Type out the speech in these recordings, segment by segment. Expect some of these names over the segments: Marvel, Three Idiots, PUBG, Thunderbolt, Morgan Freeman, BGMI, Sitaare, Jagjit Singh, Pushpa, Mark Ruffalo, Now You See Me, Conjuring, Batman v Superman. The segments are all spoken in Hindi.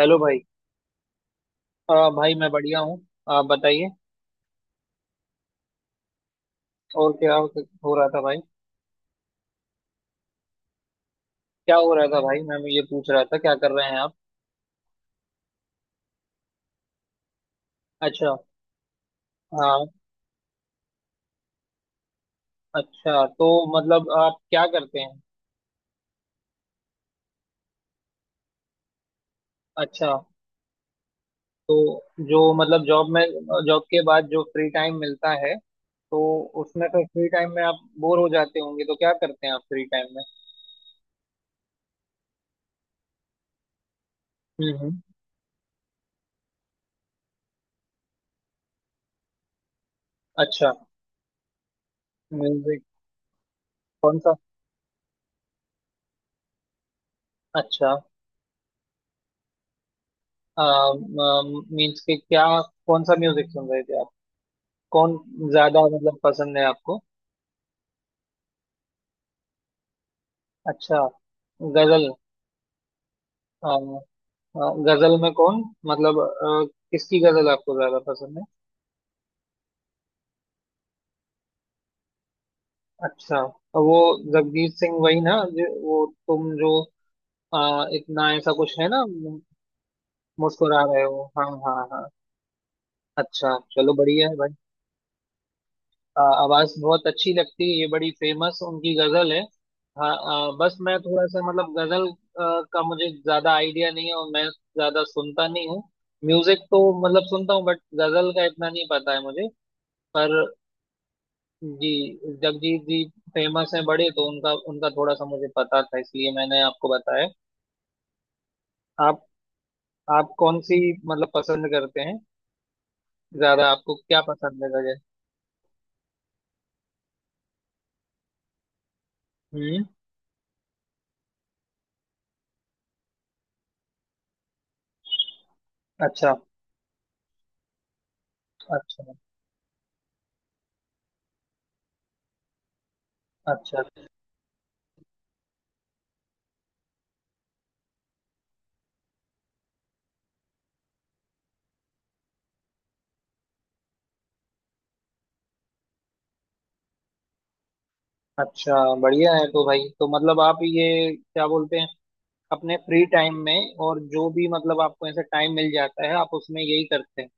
हेलो भाई। भाई मैं बढ़िया हूँ। आप बताइए। और क्या हो रहा था भाई। क्या हो रहा था भाई मैं ये पूछ रहा था क्या कर रहे हैं आप। अच्छा। हाँ। अच्छा तो मतलब आप क्या करते हैं। अच्छा। तो जो मतलब जॉब में जॉब के बाद जो फ्री टाइम मिलता है तो उसमें तो फ्री टाइम में आप बोर हो जाते होंगे तो क्या करते हैं आप फ्री टाइम में। हम्म। अच्छा। म्यूजिक कौन सा। अच्छा। मीन्स के क्या कौन सा म्यूजिक सुन रहे थे आप। कौन ज्यादा मतलब पसंद है आपको। अच्छा। गजल। अ, अ, गजल में कौन मतलब किसकी गजल आपको ज्यादा पसंद है। अच्छा। तो वो जगजीत सिंह वही ना जो वो तुम जो इतना ऐसा कुछ है ना। मुस्कुरा रहे हो हाँ हाँ हाँ। अच्छा चलो बढ़िया है भाई। आवाज बहुत अच्छी लगती है ये बड़ी फेमस उनकी गजल है। हाँ बस मैं थोड़ा सा मतलब गजल का मुझे ज्यादा आइडिया नहीं है और मैं ज्यादा सुनता नहीं हूँ। म्यूजिक तो मतलब सुनता हूँ बट गजल का इतना नहीं पता है मुझे। पर जी जगजीत जी फेमस हैं बड़े तो उनका उनका थोड़ा सा मुझे पता था इसलिए मैंने आपको बताया। आप आप कौन सी मतलब पसंद करते हैं। ज्यादा आपको क्या पसंद है गजल। हम्म। अच्छा अच्छा अच्छा अच्छा। बढ़िया है तो भाई तो मतलब आप ये क्या बोलते हैं अपने फ्री टाइम में और जो भी मतलब आपको ऐसा टाइम मिल जाता है आप उसमें यही करते हैं।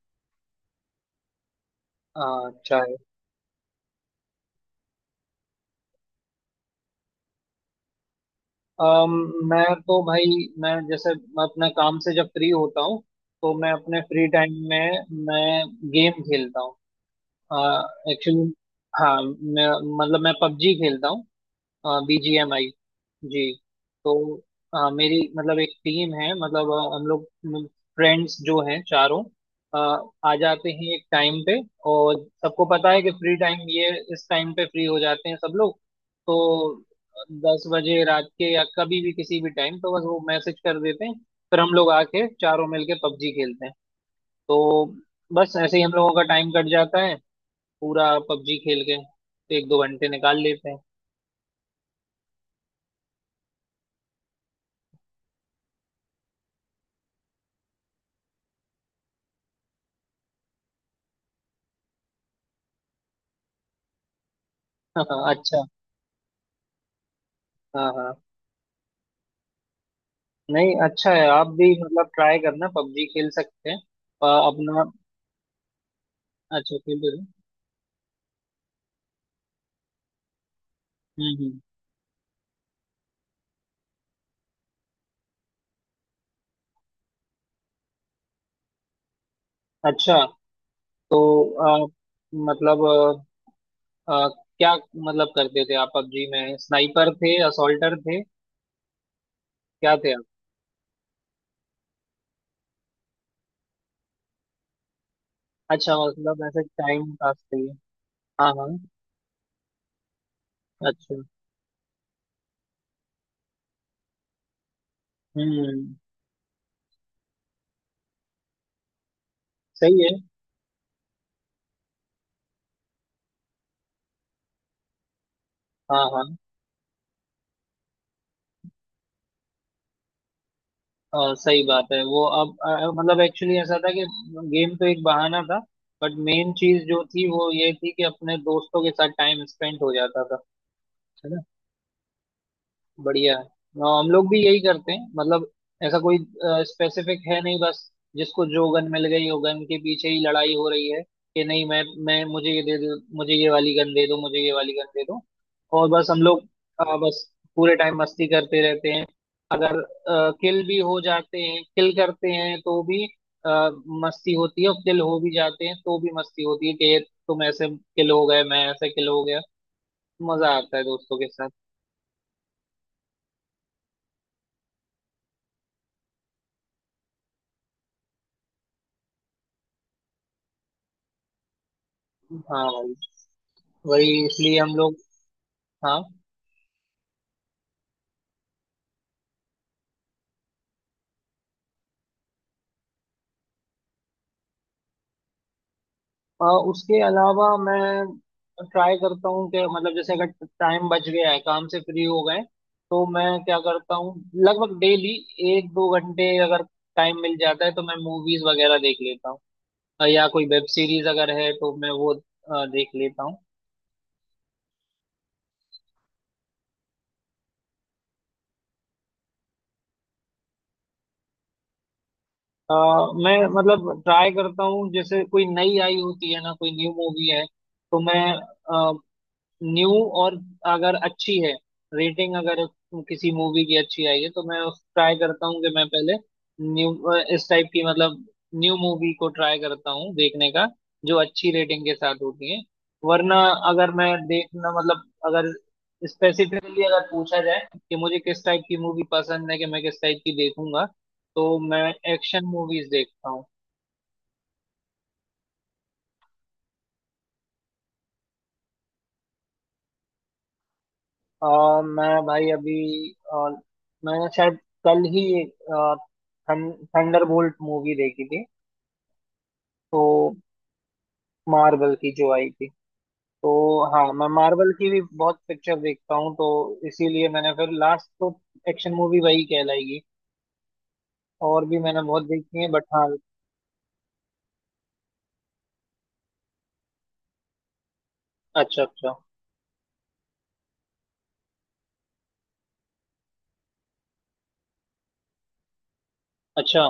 हाँ, अच्छा है। अम, मैं तो भाई मैं जैसे मैं अपने काम से जब फ्री होता हूँ तो मैं अपने फ्री टाइम में मैं गेम खेलता हूँ। एक्चुअली हाँ मैं मतलब मैं पबजी खेलता हूँ। बीजीएमआई। जी। तो मेरी मतलब एक टीम है मतलब हम लोग मतलब फ्रेंड्स जो हैं चारों अ, आ जाते हैं एक टाइम पे। और सबको पता है कि फ्री टाइम ये इस टाइम पे फ्री हो जाते हैं सब लोग तो दस बजे रात के या कभी भी किसी भी टाइम तो बस वो मैसेज कर देते हैं। फिर हम लोग आके चारों मिलके पबजी खेलते हैं। तो बस ऐसे ही हम लोगों का टाइम कट जाता है पूरा पबजी खेल के एक दो घंटे निकाल लेते हैं। अच्छा। हाँ हाँ। नहीं अच्छा है आप भी मतलब ट्राई करना पबजी खेल सकते हैं अपना। अच्छा खेल रहे हो। हम्म। अच्छा। तो अ, मतलब अ, अ, क्या मतलब करते थे आप पबजी में स्नाइपर थे असॉल्टर थे क्या थे आप। अच्छा मतलब ऐसे टाइम पास के लिए। हाँ हाँ। अच्छा। हम्म। सही है। हाँ हाँ। सही बात है वो अब मतलब एक्चुअली ऐसा था कि गेम तो एक बहाना था बट मेन चीज जो थी वो ये थी कि अपने दोस्तों के साथ टाइम स्पेंड हो जाता था। है ना। बढ़िया है। हाँ, हम लोग भी यही करते हैं मतलब ऐसा कोई स्पेसिफिक है नहीं बस जिसको जो गन मिल गई हो गन के पीछे ही लड़ाई हो रही है कि नहीं मैं मुझे ये दे दो मुझे ये वाली गन दे दो मुझे ये वाली गन दे दो। और बस हम लोग बस पूरे टाइम मस्ती करते रहते हैं। अगर किल भी हो जाते हैं किल करते हैं तो भी अ, मस्ती होती है और किल हो भी जाते हैं तो भी मस्ती होती है कि तुम ऐसे किल हो गए मैं ऐसे किल हो गया। मजा आता है दोस्तों के साथ। हाँ भाई वही इसलिए हम लोग। हाँ। अ, उसके अलावा मैं ट्राई करता हूँ कि मतलब जैसे अगर टाइम बच गया है काम से फ्री हो गए तो मैं क्या करता हूँ लगभग डेली एक दो घंटे अगर टाइम मिल जाता है तो मैं मूवीज वगैरह देख लेता हूँ। या कोई वेब सीरीज अगर है तो मैं वो देख लेता हूँ। अ, मैं मतलब ट्राई करता हूँ जैसे कोई नई आई होती है ना कोई न्यू मूवी है तो मैं न्यू और अगर अच्छी है रेटिंग अगर किसी मूवी की अच्छी आई है तो मैं उस ट्राई करता हूँ कि मैं पहले न्यू इस टाइप की मतलब न्यू मूवी को ट्राई करता हूँ देखने का जो अच्छी रेटिंग के साथ होती है। वरना अगर मैं देखना मतलब अगर स्पेसिफिकली अगर पूछा जाए कि मुझे किस टाइप की मूवी पसंद है कि मैं किस टाइप की देखूंगा तो मैं एक्शन मूवीज देखता हूँ। और मैं भाई अभी और मैंने शायद कल ही थंडरबोल्ट मूवी देखी थी तो मार्वल की जो आई थी तो। हाँ मैं मार्वल की भी बहुत पिक्चर देखता हूँ तो इसीलिए मैंने फिर लास्ट तो एक्शन मूवी वही कहलाएगी और भी मैंने बहुत देखी है बट हाँ। अच्छा अच्छा। अच्छा।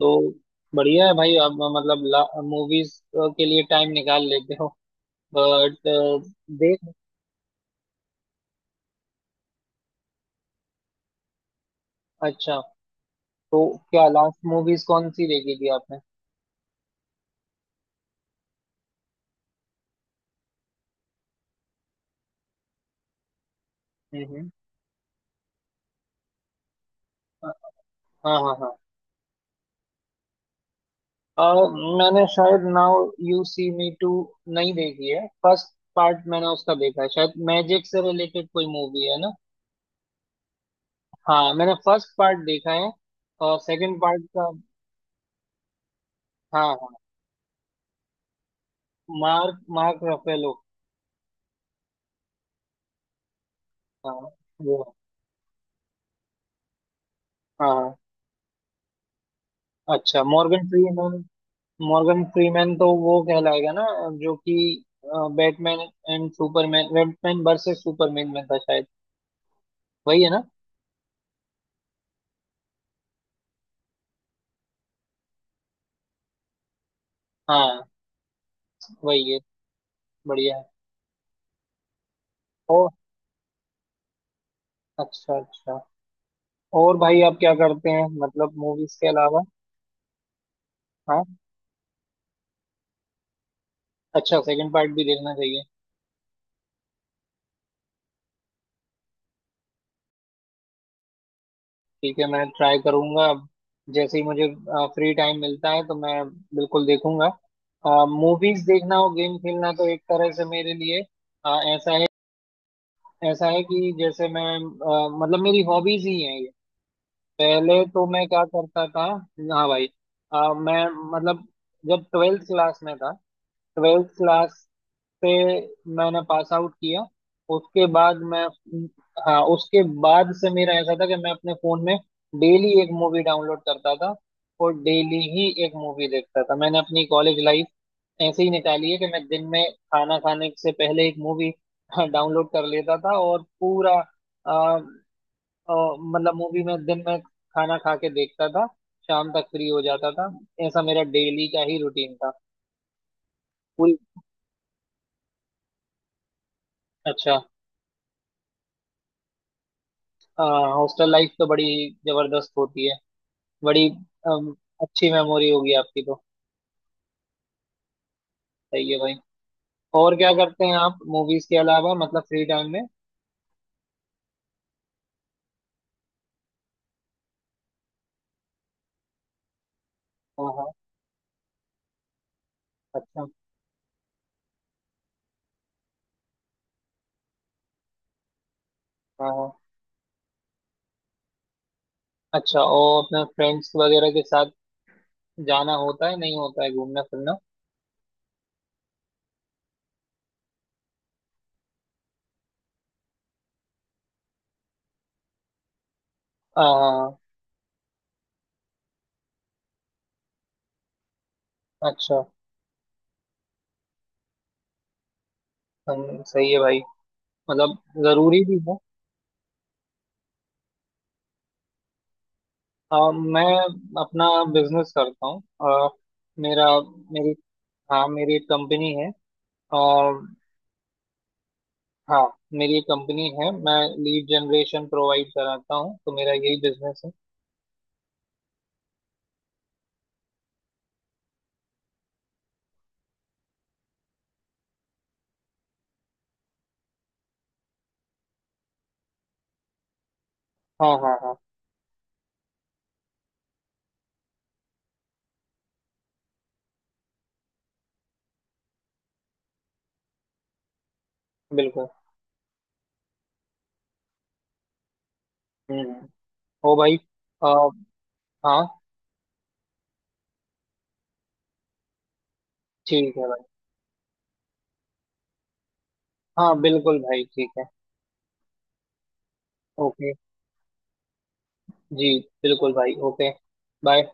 तो बढ़िया है भाई आप मतलब मूवीज के लिए टाइम निकाल लेते हो बट देख। अच्छा। तो क्या लास्ट मूवीज कौन सी देखी थी आपने। हम्म। हाँ हाँ हाँ। और मैंने शायद now you see me two नहीं देखी है फर्स्ट पार्ट मैंने उसका देखा है शायद मैजिक से रिलेटेड कोई मूवी है ना। हाँ मैंने फर्स्ट पार्ट देखा है और सेकंड पार्ट का। हाँ हाँ मार्क मार्क रफेलो। हाँ वो। हाँ। अच्छा मॉर्गन फ्रीमैन। मॉर्गन फ्रीमैन तो वो कहलाएगा ना जो कि Batman and Superman Batman versus Superman में था शायद वही है ना। हाँ वही है। बढ़िया है। ओ। अच्छा अच्छा। और भाई आप क्या करते हैं मतलब मूवीज के अलावा। हाँ अच्छा सेकंड पार्ट भी देखना चाहिए। ठीक है मैं ट्राई करूंगा अब जैसे ही मुझे फ्री टाइम मिलता है तो मैं बिल्कुल देखूंगा। मूवीज देखना और गेम खेलना तो एक तरह से मेरे लिए अ, ऐसा है ऐसा है कि जैसे मैं मतलब मेरी हॉबीज ही हैं ये। पहले तो मैं क्या करता था। हाँ भाई मैं मतलब जब ट्वेल्थ क्लास में था ट्वेल्थ क्लास पे मैंने पास आउट किया उसके बाद मैं। हाँ उसके बाद से मेरा ऐसा था कि मैं अपने फोन में डेली एक मूवी डाउनलोड करता था और डेली ही एक मूवी देखता था। मैंने अपनी कॉलेज लाइफ ऐसे ही निकाली है कि मैं दिन में खाना खाने से पहले एक मूवी हाँ, डाउनलोड कर लेता था और पूरा अ, मतलब मूवी में दिन में खाना खा के देखता था शाम तक फ्री हो जाता था। ऐसा मेरा डेली का ही रूटीन था पूरी। अच्छा। हॉस्टल लाइफ तो बड़ी जबरदस्त होती है बड़ी। अम, अच्छी मेमोरी होगी आपकी तो। सही है भाई। और क्या करते हैं आप मूवीज के अलावा मतलब फ्री टाइम में। हाँ हाँ। अच्छा। हाँ हाँ। अच्छा और अपने फ्रेंड्स वगैरह के साथ जाना होता है नहीं होता है घूमना फिरना। हाँ हाँ। अच्छा। हम सही है भाई मतलब जरूरी भी है। हाँ, मैं अपना बिजनेस करता हूँ मेरा मेरी हाँ मेरी एक कंपनी है। हाँ मेरी एक कंपनी है मैं लीड जनरेशन प्रोवाइड कराता हूँ तो मेरा यही बिजनेस है। हाँ हाँ हाँ। बिल्कुल। हम्म। ओ भाई आ, हाँ। ठीक है भाई। हाँ बिल्कुल भाई ठीक है। ओके जी। बिल्कुल भाई ओके। बाय।